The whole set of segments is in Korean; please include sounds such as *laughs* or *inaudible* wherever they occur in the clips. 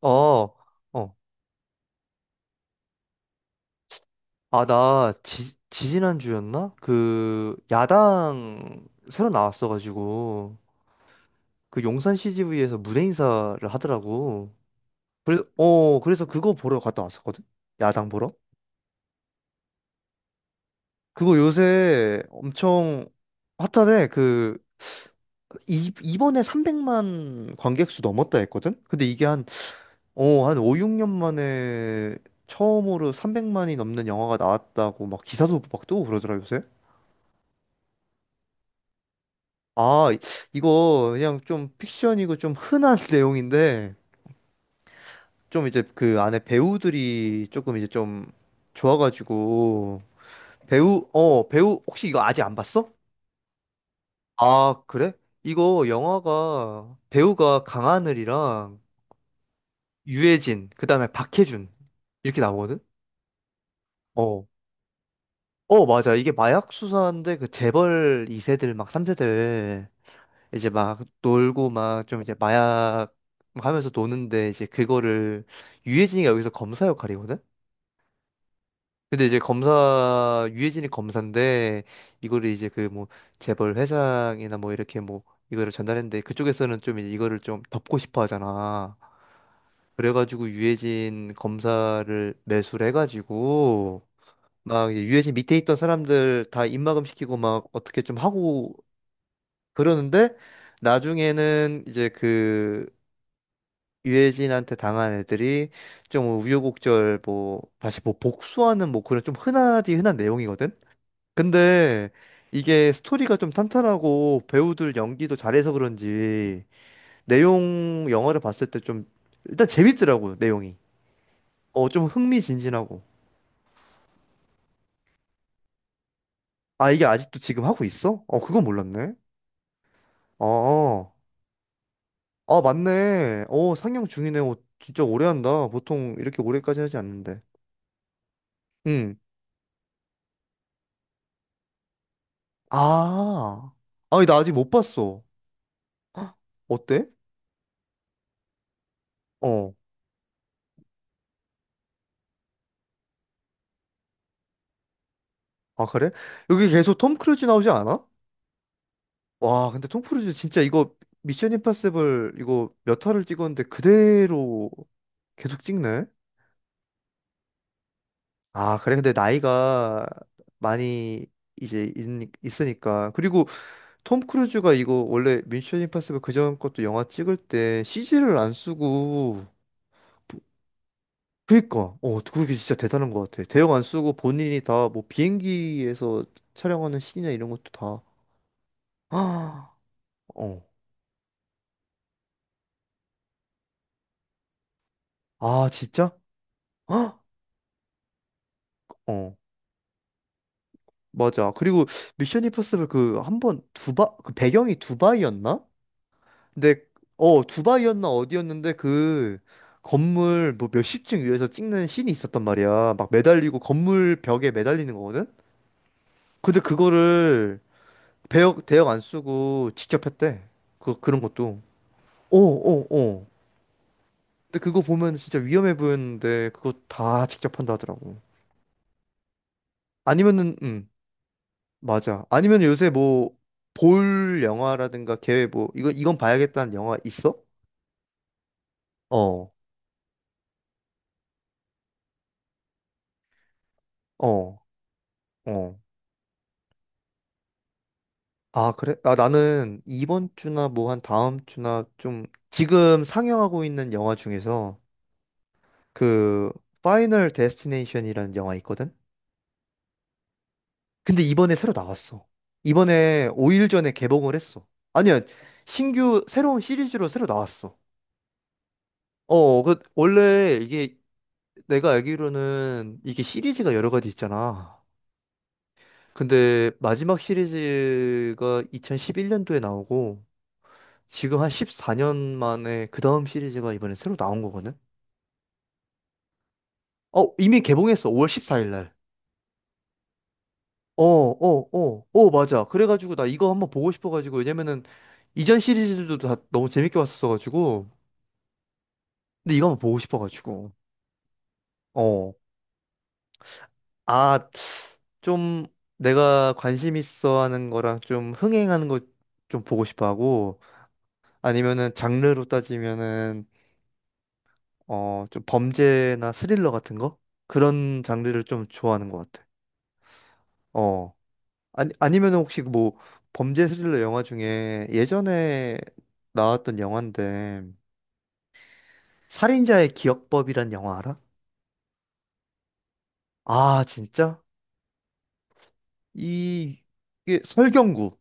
어, 어. 아, 나 지지난주였나? 그 야당 새로 나왔어가지고 그 용산 CGV에서 무대 인사를 하더라고. 그래서 그거 보러 갔다 왔었거든? 야당 보러? 그거 요새 엄청 핫하대. 그 이번에 300만 관객 수 넘었다 했거든? 근데 이게 한 5, 6년 만에 처음으로 300만이 넘는 영화가 나왔다고 막 기사도 막 뜨고 그러더라, 요새. 아, 이거 그냥 좀 픽션이고 좀 흔한 *laughs* 내용인데 좀 이제 그 안에 배우들이 조금 이제 좀 좋아가지고 배우 혹시 이거 아직 안 봤어? 아, 그래? 이거 영화가 배우가 강하늘이랑 유해진 그다음에 박해준 이렇게 나오거든? 어. 어, 맞아. 이게 마약 수사인데 그 재벌 2세들 막 3세들 이제 막 놀고 막 좀 이제 마약 막 하면서 노는데 이제 그거를 유해진이가 여기서 검사 역할이거든? 근데 이제 검사 유해진이 검사인데 이거를 이제 그 뭐 재벌 회장이나 뭐 이렇게 뭐 이거를 전달했는데 그쪽에서는 좀 이제 이거를 좀 덮고 싶어 하잖아. 그래가지고 유해진 검사를 매수를 해가지고 막 이제 유해진 밑에 있던 사람들 다 입막음 시키고 막 어떻게 좀 하고 그러는데 나중에는 이제 그 유해진한테 당한 애들이 좀 우유곡절 뭐 다시 뭐 복수하는 뭐 그런 좀 흔하디 흔한 내용이거든. 근데 이게 스토리가 좀 탄탄하고 배우들 연기도 잘해서 그런지 내용 영화를 봤을 때 좀 일단 재밌더라고 내용이. 어 좀 흥미진진하고. 아 이게 아직도 지금 하고 있어? 어 그건 몰랐네. 어. 어. 아 맞네. 어 상영 중이네. 어, 진짜 오래 한다. 보통 이렇게 오래까지 하지 않는데. 응. 아. 아니, 나 아직 못 봤어. 헉, 어때? 어. 아, 그래? 여기 계속 톰 크루즈 나오지 않아? 와, 근데 톰 크루즈 진짜 이거 미션 임파서블 이거 몇 화를 찍었는데 그대로 계속 찍네? 아, 그래. 근데 나이가 많이 이제 있으니까. 그리고 톰 크루즈가 이거 원래 미션 임파서블 그전 것도 영화 찍을 때 CG를 안 쓰고 그니까, 어, 그게 진짜 대단한 것 같아. 대형 안 쓰고 본인이 다 뭐 비행기에서 촬영하는 신이나 이런 것도 다. 아 어. 아, 진짜? 헉! 어. 맞아. 그리고 미션 임퍼서블 그 한 번 두바 그 배경이 두바이였나? 근데 어, 두바이였나 어디였는데 그 건물 뭐 몇십 층 위에서 찍는 씬이 있었단 말이야. 막 매달리고 건물 벽에 매달리는 거거든. 근데 그거를 배역 대역 안 쓰고 직접 했대. 그런 것도. 어, 어, 어. 근데 그거 보면 진짜 위험해 보였는데 그거 다 직접 한다 하더라고. 아니면은 맞아. 아니면 요새 뭐, 볼 영화라든가 계획 뭐, 이건 봐야겠다는 영화 있어? 어, 어, 어. 아, 그래? 아, 나는 이번 주나 뭐 한 다음 주나 좀, 지금 상영하고 있는 영화 중에서 그, 파이널 데스티네이션이라는 영화 있거든? 근데 이번에 새로 나왔어. 이번에 5일 전에 개봉을 했어. 아니야, 신규, 새로운 시리즈로 새로 나왔어. 어, 그, 원래 이게 내가 알기로는 이게 시리즈가 여러 가지 있잖아. 근데 마지막 시리즈가 2011년도에 나오고 지금 한 14년 만에 그 다음 시리즈가 이번에 새로 나온 거거든? 어, 이미 개봉했어. 5월 14일 날. 어, 어, 어, 어, 맞아. 그래가지고 나 이거 한번 보고 싶어가지고 왜냐면은 이전 시리즈들도 다 너무 재밌게 봤었어가지고 근데 이거 한번 보고 싶어가지고. 어. 아, 좀 내가 관심 있어 하는 거랑 좀 흥행하는 거 좀 보고 싶어 하고 아니면은 장르로 따지면은 어, 좀 범죄나 스릴러 같은 거? 그런 장르를 좀 좋아하는 것 같아. 어. 아니, 아니면 혹시 그 뭐 범죄 스릴러 영화 중에 예전에 나왔던 영화인데 살인자의 기억법이란 영화 알아? 아, 진짜? 이, 이게 설경구.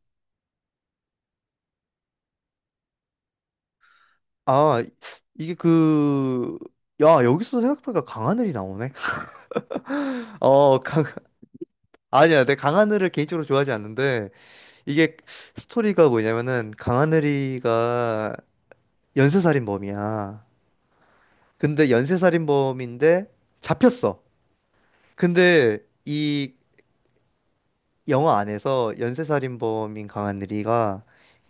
아, 이게 그, 야, 여기서 생각보다 강하늘이 나오네. *laughs* 어, 강, 아니야, 내 강하늘을 개인적으로 좋아하지 않는데, 이게 스토리가 뭐냐면은 강하늘이가 연쇄살인범이야. 근데 연쇄살인범인데 잡혔어. 근데 이 영화 안에서 연쇄살인범인 강하늘이가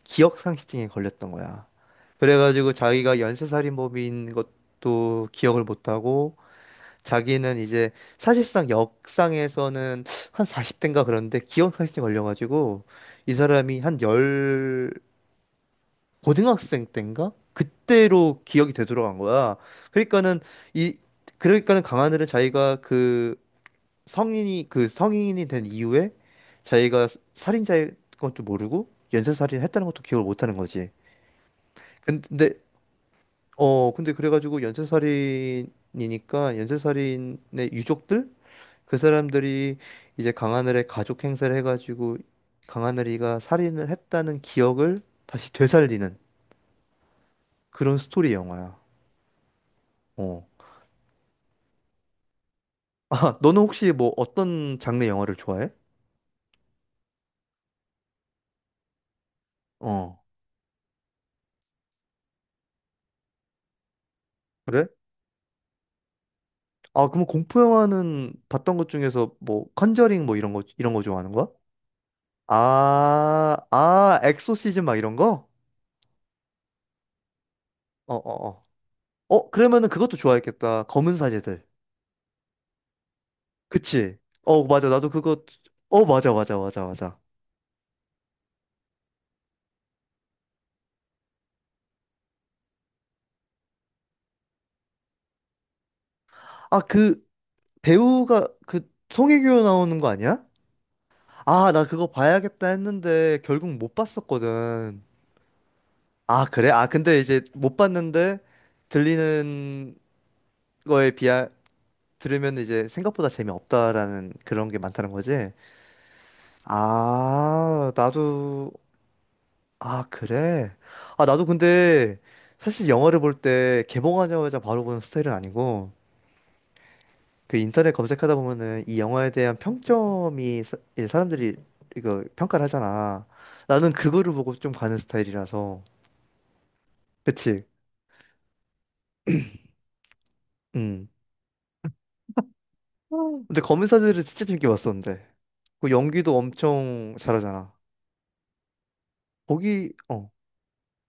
기억상실증에 걸렸던 거야. 그래가지고 자기가 연쇄살인범인 것도 기억을 못하고 자기는 이제 사실상 역상에서는 한 40대인가 그런데 기억상실증 걸려가지고 이 사람이 한열 고등학생 때인가? 그때로 기억이 되돌아간 거야. 그러니까는 이 그러니까는 강하늘은 자기가 그 성인이 된 이후에 자기가 살인자인 것도 모르고 연쇄살인을 했다는 것도 기억을 못 하는 거지. 근데 근데 그래가지고 연쇄살인이니까 연쇄살인의 유족들 그 사람들이 이제 강하늘의 가족 행세를 해가지고 강하늘이가 살인을 했다는 기억을 다시 되살리는 그런 스토리 영화야. 어. 아, 너는 혹시 뭐 어떤 장르 영화를 좋아해? 어, 그래? 아, 그럼 공포 영화는 봤던 것 중에서 뭐 컨저링 뭐 이런 거 좋아하는 거야? 아, 아, 엑소시즘 막 이런 거? 어, 어, 어. 어, 그러면은 그것도 좋아했겠다. 검은 사제들. 그치? 어, 맞아. 나도 그거. 어, 맞아. 아, 그 배우가 그 송혜교 나오는 거 아니야? 아, 나 그거 봐야겠다 했는데 결국 못 봤었거든. 아, 그래? 아, 근데 이제 못 봤는데 들리는 거에 비하 들으면 이제 생각보다 재미없다라는 그런 게 많다는 거지? 아, 나도. 아, 그래? 아, 나도 근데 사실 영화를 볼 때 개봉하자마자 바로 보는 스타일은 아니고 그 인터넷 검색하다 보면은 이 영화에 대한 평점이 이제 사람들이 이거 평가를 하잖아. 나는 그거를 보고 좀 가는 스타일이라서. 그치? 음. 근데 검은사제를 진짜 재밌게 봤었는데. 그 연기도 엄청 잘하잖아. 거기 어.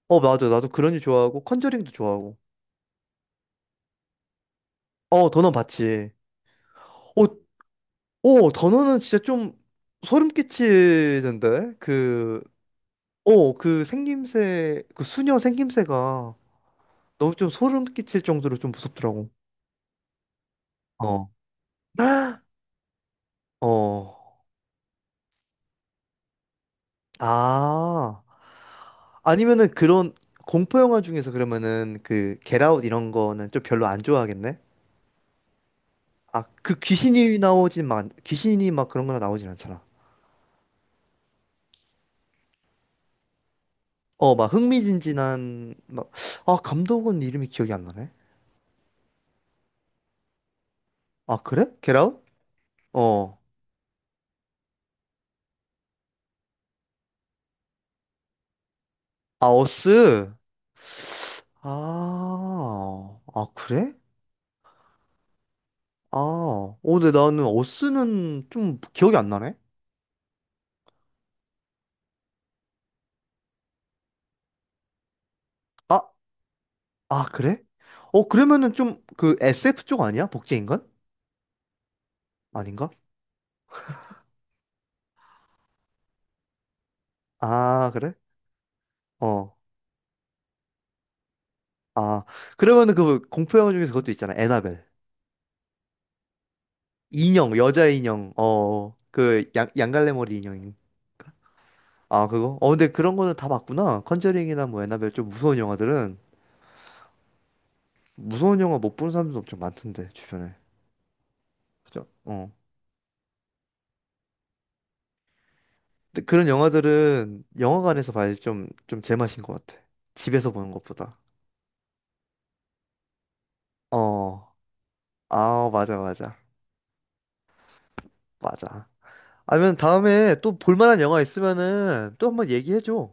어, 맞아. 나도 그런지 좋아하고 컨저링도 좋아하고. 어, 더넌 봤지. 어, 어, 더넌은 진짜 좀 소름 끼치던데. 그 어, 그 생김새, 그 수녀 생김새가 너무 좀 소름 끼칠 정도로 좀 무섭더라고. 어. 어. 아. 아니면은 그런 공포 영화 중에서 그러면은 그 겟아웃 이런 거는 좀 별로 안 좋아하겠네. 아, 그 귀신이 막 그런 거나 나오진 않잖아. 어, 막 흥미진진한 막. 아, 감독은 이름이 기억이 안 나네. 아, 그래? 겟아웃? 어. 아, 어스. 아. 아, 그래? 아. 어, 근데 나는 어스는 좀 기억이 안 나네. 아, 아, 그래? 어, 그러면은 좀 그 SF 쪽 아니야? 복제인간? 아닌가? 아, 그래? 어. 아. 그러면은 그 공포 영화 중에서 그것도 있잖아. 애나벨. 인형, 여자 인형. 어. 양갈래 머리 인형. 아, 그거? 어, 근데 그런 거는 다 봤구나. 컨저링이나 뭐 애나벨 좀 무서운 영화들은. 무서운 영화 못 보는 사람도 엄청 많던데 주변에. 그죠? 어. 근데 그런 영화들은 영화관에서 봐야 좀 제맛인 것 같아. 집에서 보는 것보다. 어. 아, 맞아. 아니면 다음에 또 볼만한 영화 있으면은 또 한번 얘기해줘.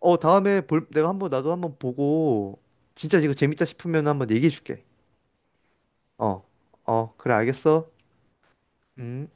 어, 다음에 볼 내가 한번 나도 한번 보고 진짜 이거 재밌다 싶으면 한번 얘기해줄게. 어, 어, 그래 알겠어. 음.